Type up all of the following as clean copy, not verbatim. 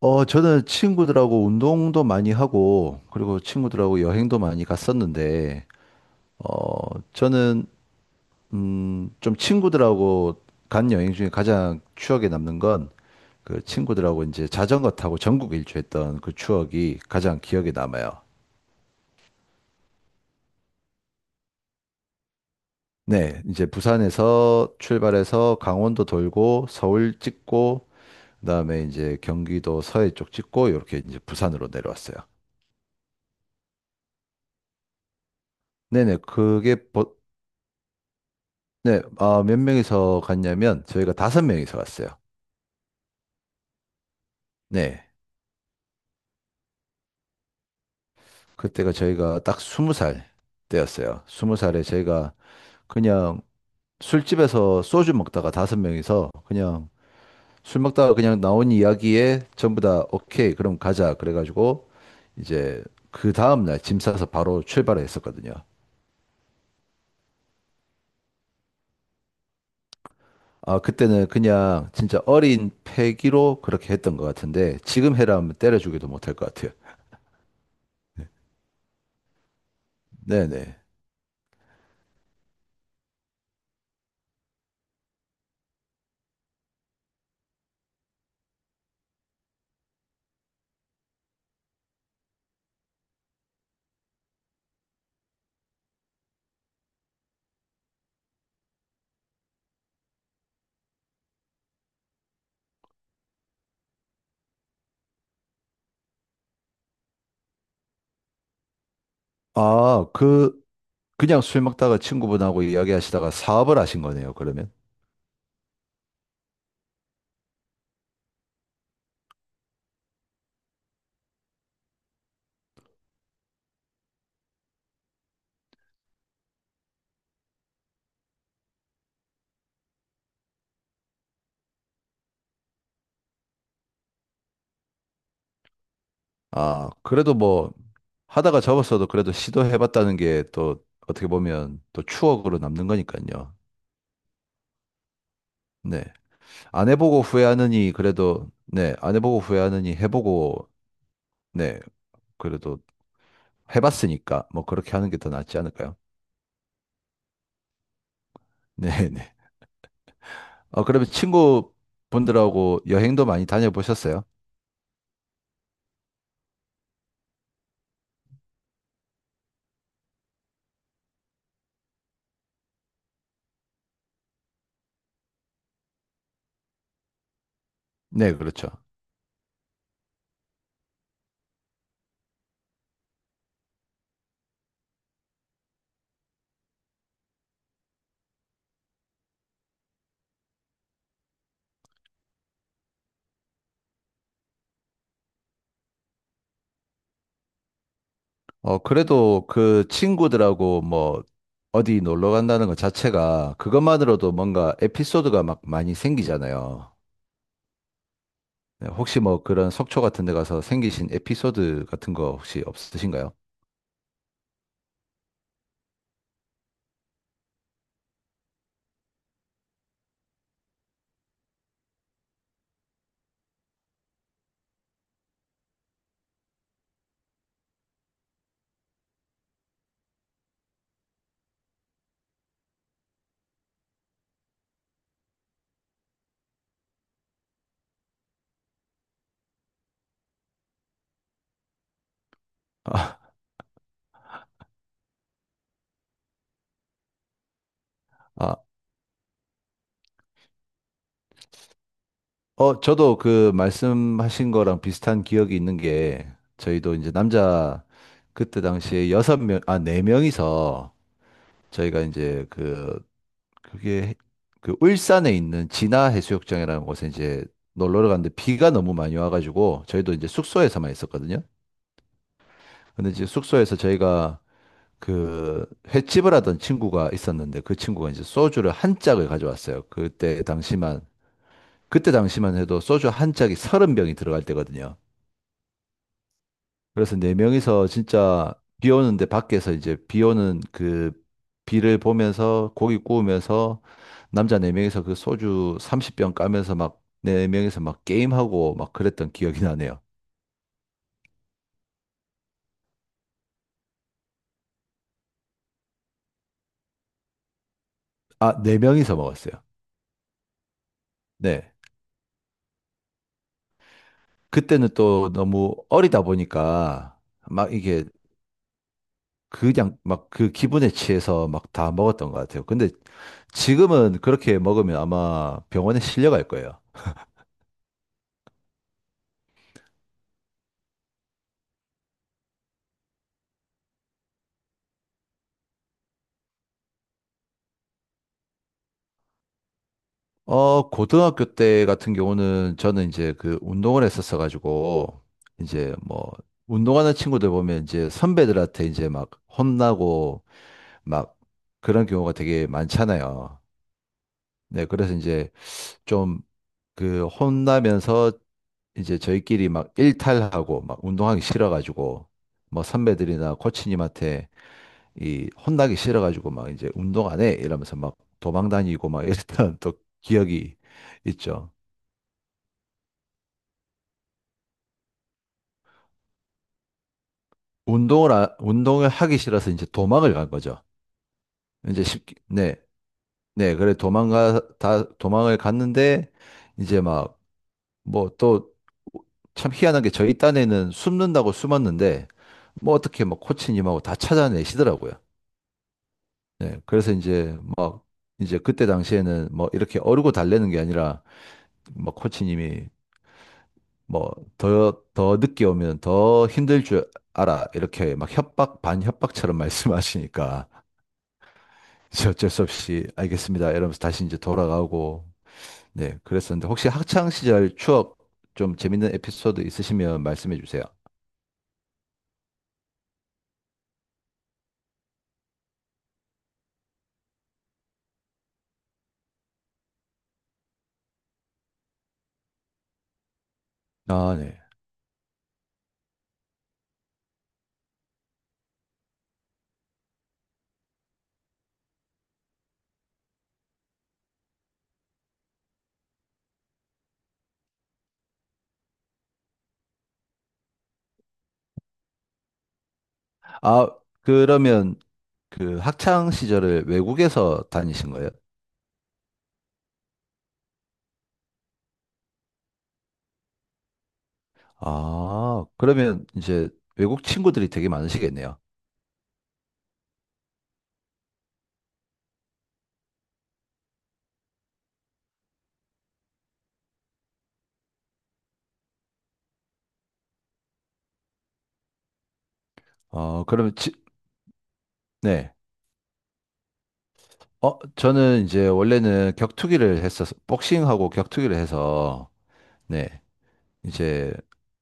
저는 친구들하고 운동도 많이 하고, 그리고 친구들하고 여행도 많이 갔었는데, 어, 저는, 좀 친구들하고 간 여행 중에 가장 추억에 남는 건, 그 친구들하고 이제 자전거 타고 전국 일주했던 그 추억이 가장 기억에 남아요. 네, 이제 부산에서 출발해서 강원도 돌고, 서울 찍고, 그다음에 이제 경기도 서해 쪽 찍고, 이렇게 이제 부산으로 내려왔어요. 네네, 네, 아, 몇 명이서 갔냐면 저희가 다섯 명이서 갔어요. 네, 그때가 저희가 딱 스무 살 때였어요. 스무 살에 저희가 그냥 술집에서 소주 먹다가 다섯 명이서 그냥 술 먹다가 그냥 나온 이야기에 전부 다 오케이, 그럼 가자. 그래가지고 이제 그 다음날 짐 싸서 바로 출발을 했었거든요. 아, 그때는 그냥 진짜 어린 패기로 그렇게 했던 것 같은데 지금 해라면 때려주기도 못할 것 같아요. 네네. 아, 그냥 술 먹다가 친구분하고 이야기하시다가 사업을 하신 거네요, 그러면. 아, 그래도 뭐, 하다가 접었어도 그래도 시도해봤다는 게 또 어떻게 보면 또 추억으로 남는 거니까요. 네. 안 해보고 후회하느니 그래도, 네. 안 해보고 후회하느니 해보고, 네. 그래도 해봤으니까 뭐 그렇게 하는 게 더 낫지 않을까요? 네네. 그러면 친구분들하고 여행도 많이 다녀보셨어요? 네, 그렇죠. 어, 그래도 그 친구들하고 뭐 어디 놀러 간다는 것 자체가 그것만으로도 뭔가 에피소드가 막 많이 생기잖아요. 네, 혹시 뭐 그런 속초 같은 데 가서 생기신 에피소드 같은 거 혹시 없으신가요? 아, 아, 저도 그 말씀하신 거랑 비슷한 기억이 있는 게 저희도 이제 남자 그때 당시에 네 명이서 저희가 이제 그 그게 해- 그 울산에 있는 진화 해수욕장이라는 곳에 이제 놀러 갔는데 비가 너무 많이 와가지고 저희도 이제 숙소에서만 있었거든요. 근데 이제 숙소에서 저희가 그 횟집을 하던 친구가 있었는데 그 친구가 이제 소주를 한 짝을 가져왔어요. 그때 당시만 해도 소주 한 짝이 서른 병이 들어갈 때거든요. 그래서 네 명이서 진짜 비 오는데 밖에서 이제 비 오는 그 비를 보면서 고기 구우면서 남자 네 명이서 그 소주 30병 까면서 막 네 명이서 막 게임하고 막 그랬던 기억이 나네요. 아, 네 명이서 먹었어요. 네. 그때는 또 너무 어리다 보니까 막 이게 그냥 막 그 기분에 취해서 막 다 먹었던 것 같아요. 근데 지금은 그렇게 먹으면 아마 병원에 실려갈 거예요. 고등학교 때 같은 경우는 저는 이제 그 운동을 했었어가지고, 이제 뭐, 운동하는 친구들 보면 이제 선배들한테 이제 막 혼나고 막 그런 경우가 되게 많잖아요. 네, 그래서 이제 좀 그 혼나면서 이제 저희끼리 막 일탈하고 막 운동하기 싫어가지고, 뭐 선배들이나 코치님한테 이 혼나기 싫어가지고 막 이제 운동 안 해! 이러면서 막 도망 다니고 막 이랬던 또 기억이 있죠. 운동을 하기 싫어서 이제 도망을 간 거죠. 이제 쉽게, 네, 네, 도망을 갔는데, 이제 막, 뭐 또, 참 희한한 게 저희 딴에는 숨는다고 숨었는데, 뭐 어떻게 막 코치님하고 다 찾아내시더라고요. 네, 그래서 이제 막, 이제 그때 당시에는 뭐 이렇게 어르고 달래는 게 아니라, 뭐 코치님이 뭐 더 늦게 오면 더 힘들 줄 알아. 이렇게 막 협박, 반협박처럼 말씀하시니까. 이제 어쩔 수 없이 알겠습니다. 이러면서 다시 이제 돌아가고 네 그랬었는데 혹시 학창 시절 추억 좀 재밌는 에피소드 있으시면 말씀해 주세요. 아 네. 아 그러면 그 학창 시절을 외국에서 다니신 거예요? 아 그러면 이제 외국 친구들이 되게 많으시겠네요. 어 그러면 지, 네. 저는 이제 원래는 격투기를 했어서 복싱하고 격투기를 해서 네. 이제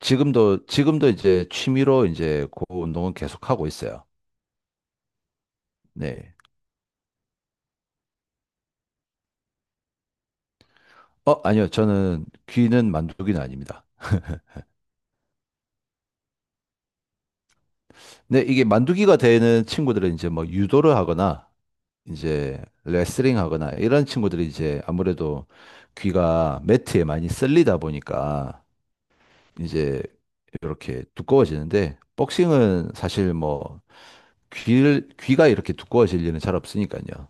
지금도 이제 취미로 이제 그 운동은 계속하고 있어요. 네. 아니요. 저는 귀는 만두기는 아닙니다. 네, 이게 만두기가 되는 친구들은 이제 뭐 유도를 하거나 이제 레슬링 하거나 이런 친구들이 이제 아무래도 귀가 매트에 많이 쓸리다 보니까 이제 이렇게 두꺼워지는데 복싱은 사실 뭐 귀를 귀가 이렇게 두꺼워질 일은 잘 없으니까요.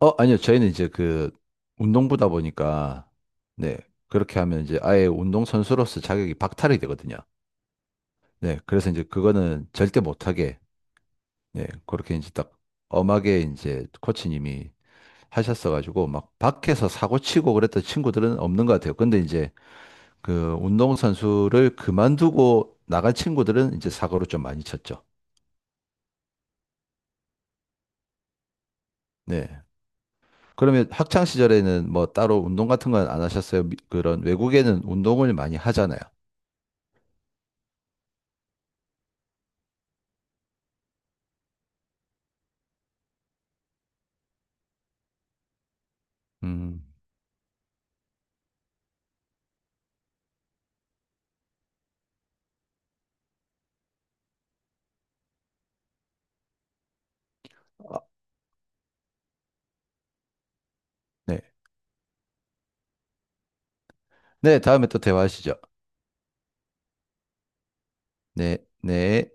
아니요. 저희는 이제 그 운동부다 보니까 네. 그렇게 하면 이제 아예 운동선수로서 자격이 박탈이 되거든요. 네. 그래서 이제 그거는 절대 못하게 네. 그렇게 이제 딱 엄하게 이제 코치님이 하셨어가지고 막 밖에서 사고 치고 그랬던 친구들은 없는 것 같아요. 근데 이제 그 운동선수를 그만두고 나간 친구들은 이제 사고를 좀 많이 쳤죠. 네. 그러면 학창 시절에는 뭐 따로 운동 같은 건 안 하셨어요? 그런 외국에는 운동을 많이 하잖아요. 음. 아, 네. 네, 다음에 또 대화하시죠. 네, 네.